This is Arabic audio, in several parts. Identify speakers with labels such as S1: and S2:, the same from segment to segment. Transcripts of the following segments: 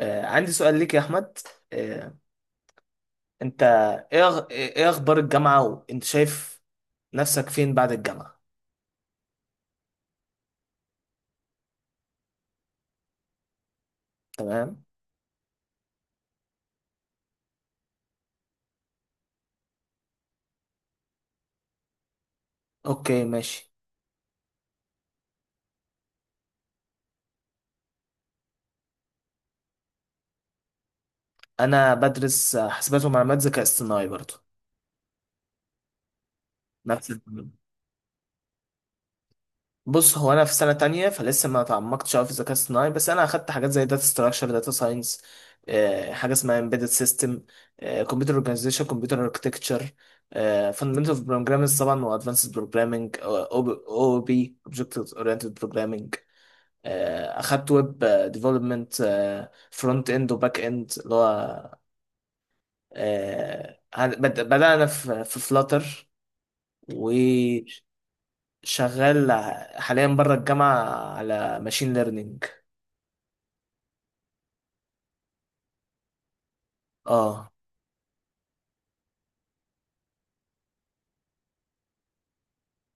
S1: عندي سؤال ليك يا أحمد. آه، أنت إيه أخبار الجامعة؟ وأنت شايف نفسك فين بعد الجامعة؟ تمام. أوكي، ماشي. أنا بدرس حاسبات ومعلومات ذكاء اصطناعي برضو. نفس التمرين. بص، هو أنا في سنة تانية فلسه ما تعمقتش أوي في الذكاء الاصطناعي، بس أنا أخدت حاجات زي داتا ستراكشر، داتا ساينس. حاجة اسمها امبيدد سيستم، كمبيوتر اورجانيزيشن، كمبيوتر اركتكتشر، فاندمنتال بروجرامز طبعا، وادفانسد بروجرامنج او بي اوبجكت اورينتد بروجرامنج. اخدت ويب ديفلوبمنت، فرونت اند وباك اند. اللي هو بدأنا في فلاتر، وشغال حاليا بره الجامعة على ماشين ليرنينج. اه.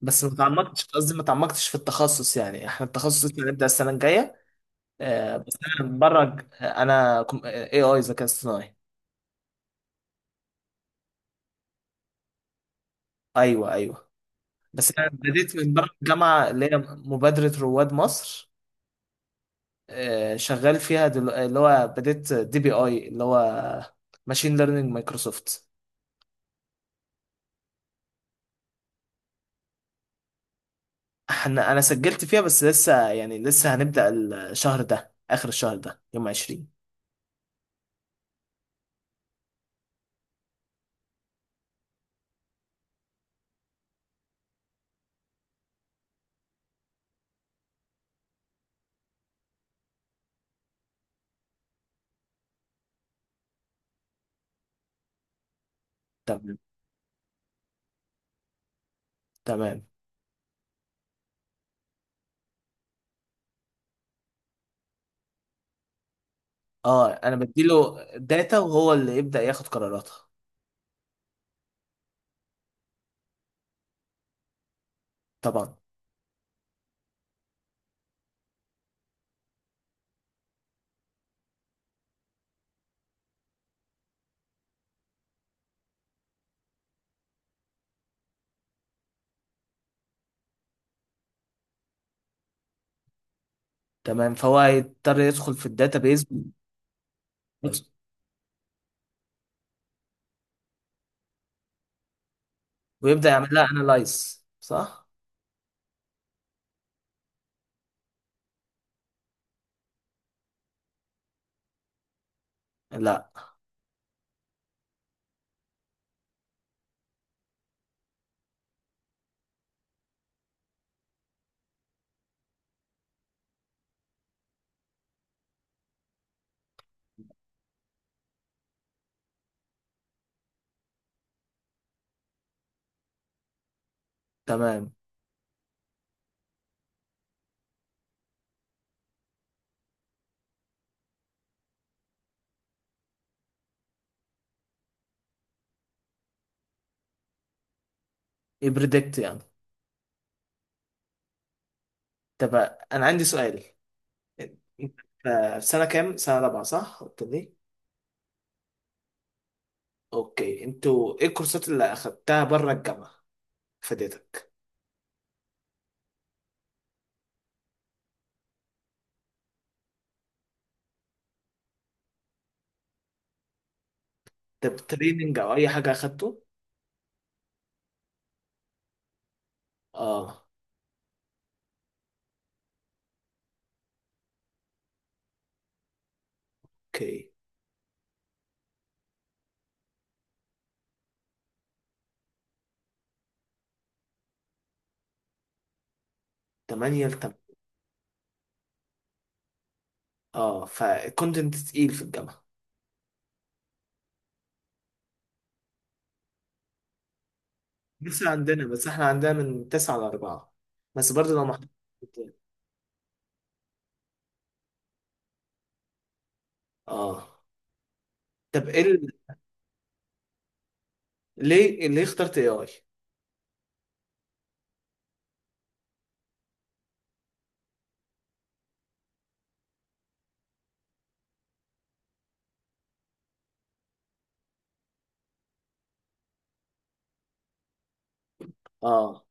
S1: بس ما تعمقتش، قصدي ما تعمقتش في التخصص، يعني احنا التخصص اللي هنبدأ السنة الجاية. بس انا اي اي ذكاء اصطناعي. ايوه، ايوه. بس انا بديت من بره الجامعة، اللي هي مبادرة رواد مصر. شغال فيها اللي هو، بديت دي بي اي اللي هو ماشين ليرنينج مايكروسوفت. انا سجلت فيها، بس لسه يعني لسه هنبدأ الشهر ده، اخر الشهر ده يوم 20. تمام، تمام. اه، انا بديله داتا وهو اللي يبدأ ياخد قراراتها. طبعا. تمام، فهو هيضطر يدخل في الداتابيز ويبدأ يعمل لها انالايز، صح. لا. تمام. يبريدكت يعني. طب، انا عندي سؤال. انت في سنة كام؟ سنة رابعة، صح؟ قلت لي. اوكي، انتوا ايه الكورسات اللي اخدتها بره الجامعه؟ فادتك؟ طب، تريننج او اي حاجه اخدته؟ اه. اوكي. 8 ل 8. اه، فالكونتنت تقيل في الجامعه. لسه عندنا، بس احنا عندنا من 9 ل 4. بس برضه لو محتاج. اه. طب ايه ليه اخترت اي اي؟ اه.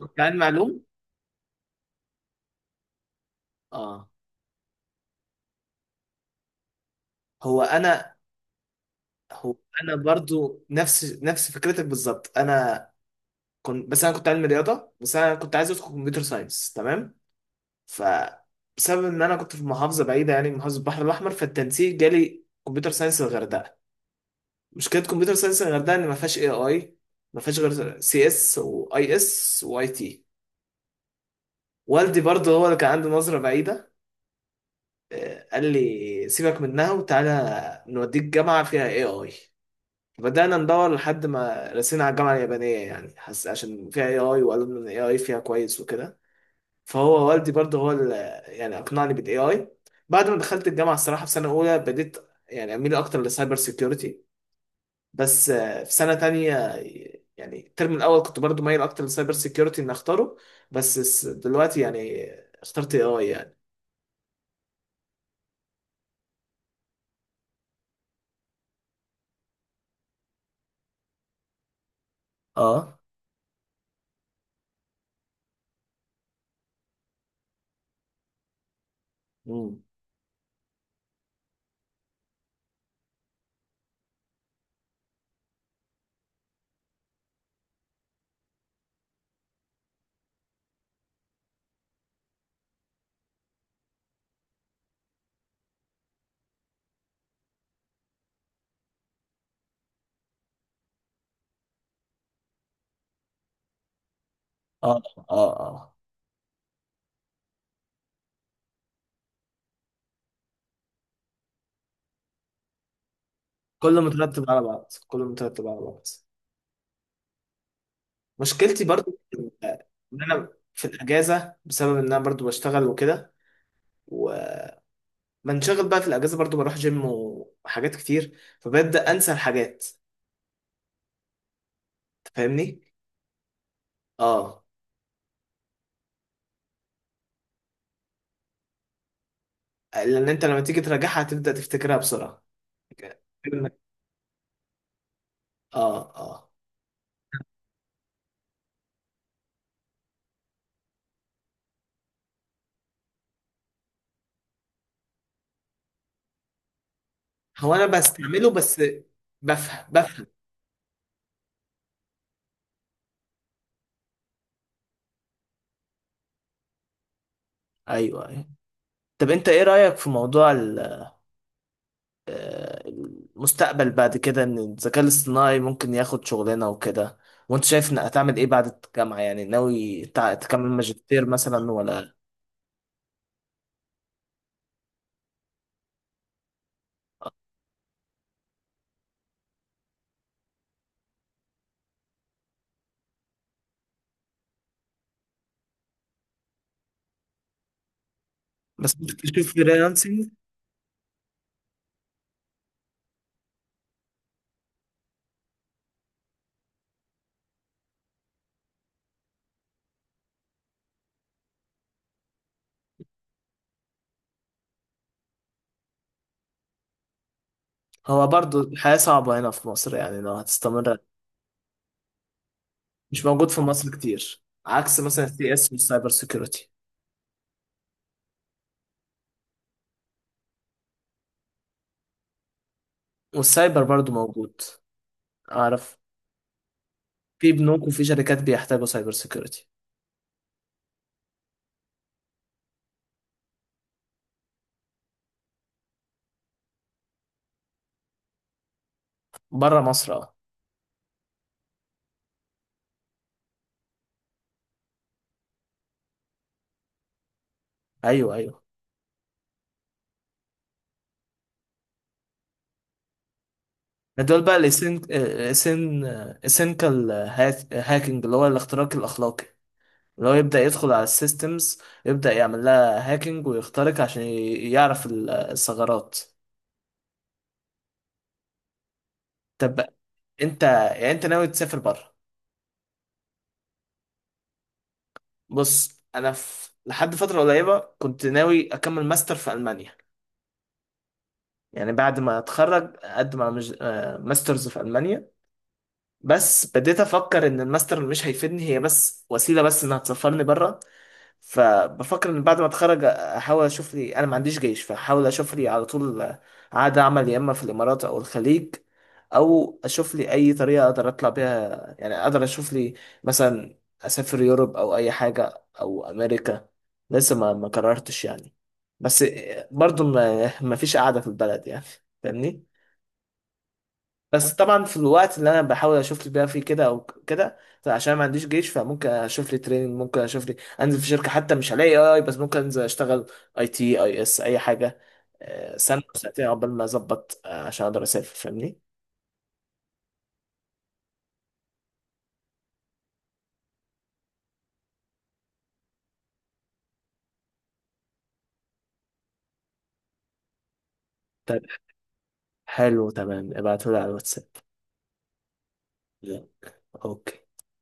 S1: كنت علم معلوم. اه. هو انا هو انا برضو نفس فكرتك بالظبط. انا بس انا كنت علم رياضه، بس انا كنت عايز ادخل كمبيوتر ساينس. تمام. فبسبب ان انا كنت في محافظه بعيده، يعني محافظه البحر الاحمر، فالتنسيق جالي كمبيوتر ساينس الغردقه. مشكله كمبيوتر ساينس الغردقه ان ما فيهاش اي اي، ما فيهاش غير سي اس واي اس واي تي. والدي برضه هو اللي كان عنده نظره بعيده. قال لي سيبك منها وتعالى نوديك جامعه فيها اي اي. بدأنا ندور لحد ما رسينا على الجامعة اليابانية، يعني حس عشان فيها اي اي وقالوا ان الاي اي فيها كويس وكده. فهو والدي برضه هو اللي يعني اقنعني بالاي اي. بعد ما دخلت الجامعه، الصراحه في سنه اولى بديت يعني اميل اكتر للسايبر سيكيورتي. بس في سنه تانية، يعني الترم الاول كنت برضه مايل اكتر للسايبر سيكيورتي اني اختاره. بس دلوقتي يعني اخترت اي اي يعني. اه. مم. اه، اه، اه. كله مترتب على بعض، كله مترتب على بعض. مشكلتي برضو ان انا في الاجازه، بسبب ان انا برضو بشتغل وكده، بنشغل بقى في الاجازه، برضو بروح جيم وحاجات كتير فببدا انسى الحاجات. أنت فاهمني؟ اه. لان انت لما تيجي تراجعها هتبدا تفتكرها بسرعه. اه، اه. هو انا بستعمله بس. بفهم، بفهم. ايوه، ايوه. طب انت ايه رايك في موضوع ال- المستقبل بعد كده ان الذكاء الاصطناعي ممكن ياخد شغلنا وكده. وانت شايف انك هتعمل ايه بعد الجامعه؟ يعني ناوي تكمل ماجستير مثلا ولا؟ بس تشوف فريلانسنج. هو برضو الحياة صعبة هنا في مصر يعني لو هتستمر. مش موجود في مصر كتير عكس مثلا السي اس والسايبر سيكيورتي. والسايبر برضو موجود. أعرف. في بنوك وفي شركات بيحتاجوا سايبر سيكيورتي. بره مصر، اه. أيوه، أيوه. دول بقى الاسين الاسين اسينكال هاكينج، اللي هو الاختراق الأخلاقي. اللي هو يبدأ يدخل على السيستمز، يبدأ يعمل لها هاكينج ويخترق عشان يعرف الثغرات. طب، انت يعني، انت ناوي تسافر بره؟ بص، انا في لحد فتره قريبه كنت ناوي اكمل ماستر في المانيا. يعني بعد ما اتخرج اقدم على ماسترز في المانيا. بس بديت افكر ان الماستر مش هيفيدني، هي بس وسيله بس انها تسفرني بره. فبفكر ان بعد ما اتخرج احاول اشوف لي، انا ما عنديش جيش فاحاول اشوف لي على طول عقد عمل، يا اما في الامارات او الخليج، او اشوف لي اي طريقه اقدر اطلع بيها، يعني اقدر اشوف لي مثلا اسافر يوروب او اي حاجه او امريكا. لسه ما قررتش يعني. بس برضو ما فيش قاعده في البلد يعني. فاهمني. بس طبعا في الوقت اللي انا بحاول اشوف لي بقى فيه كده او كده، عشان ما عنديش جيش فممكن اشوف لي تريننج، ممكن اشوف لي انزل في شركه حتى، مش هلاقي اي اي بس ممكن انزل اشتغل اي تي اي اس اي حاجه. سنه أو سنتين عقبال ما اظبط، عشان اقدر اسافر فاهمني. طيب. حلو تمام، ابعتهولي على الواتساب. يلا، اوكي.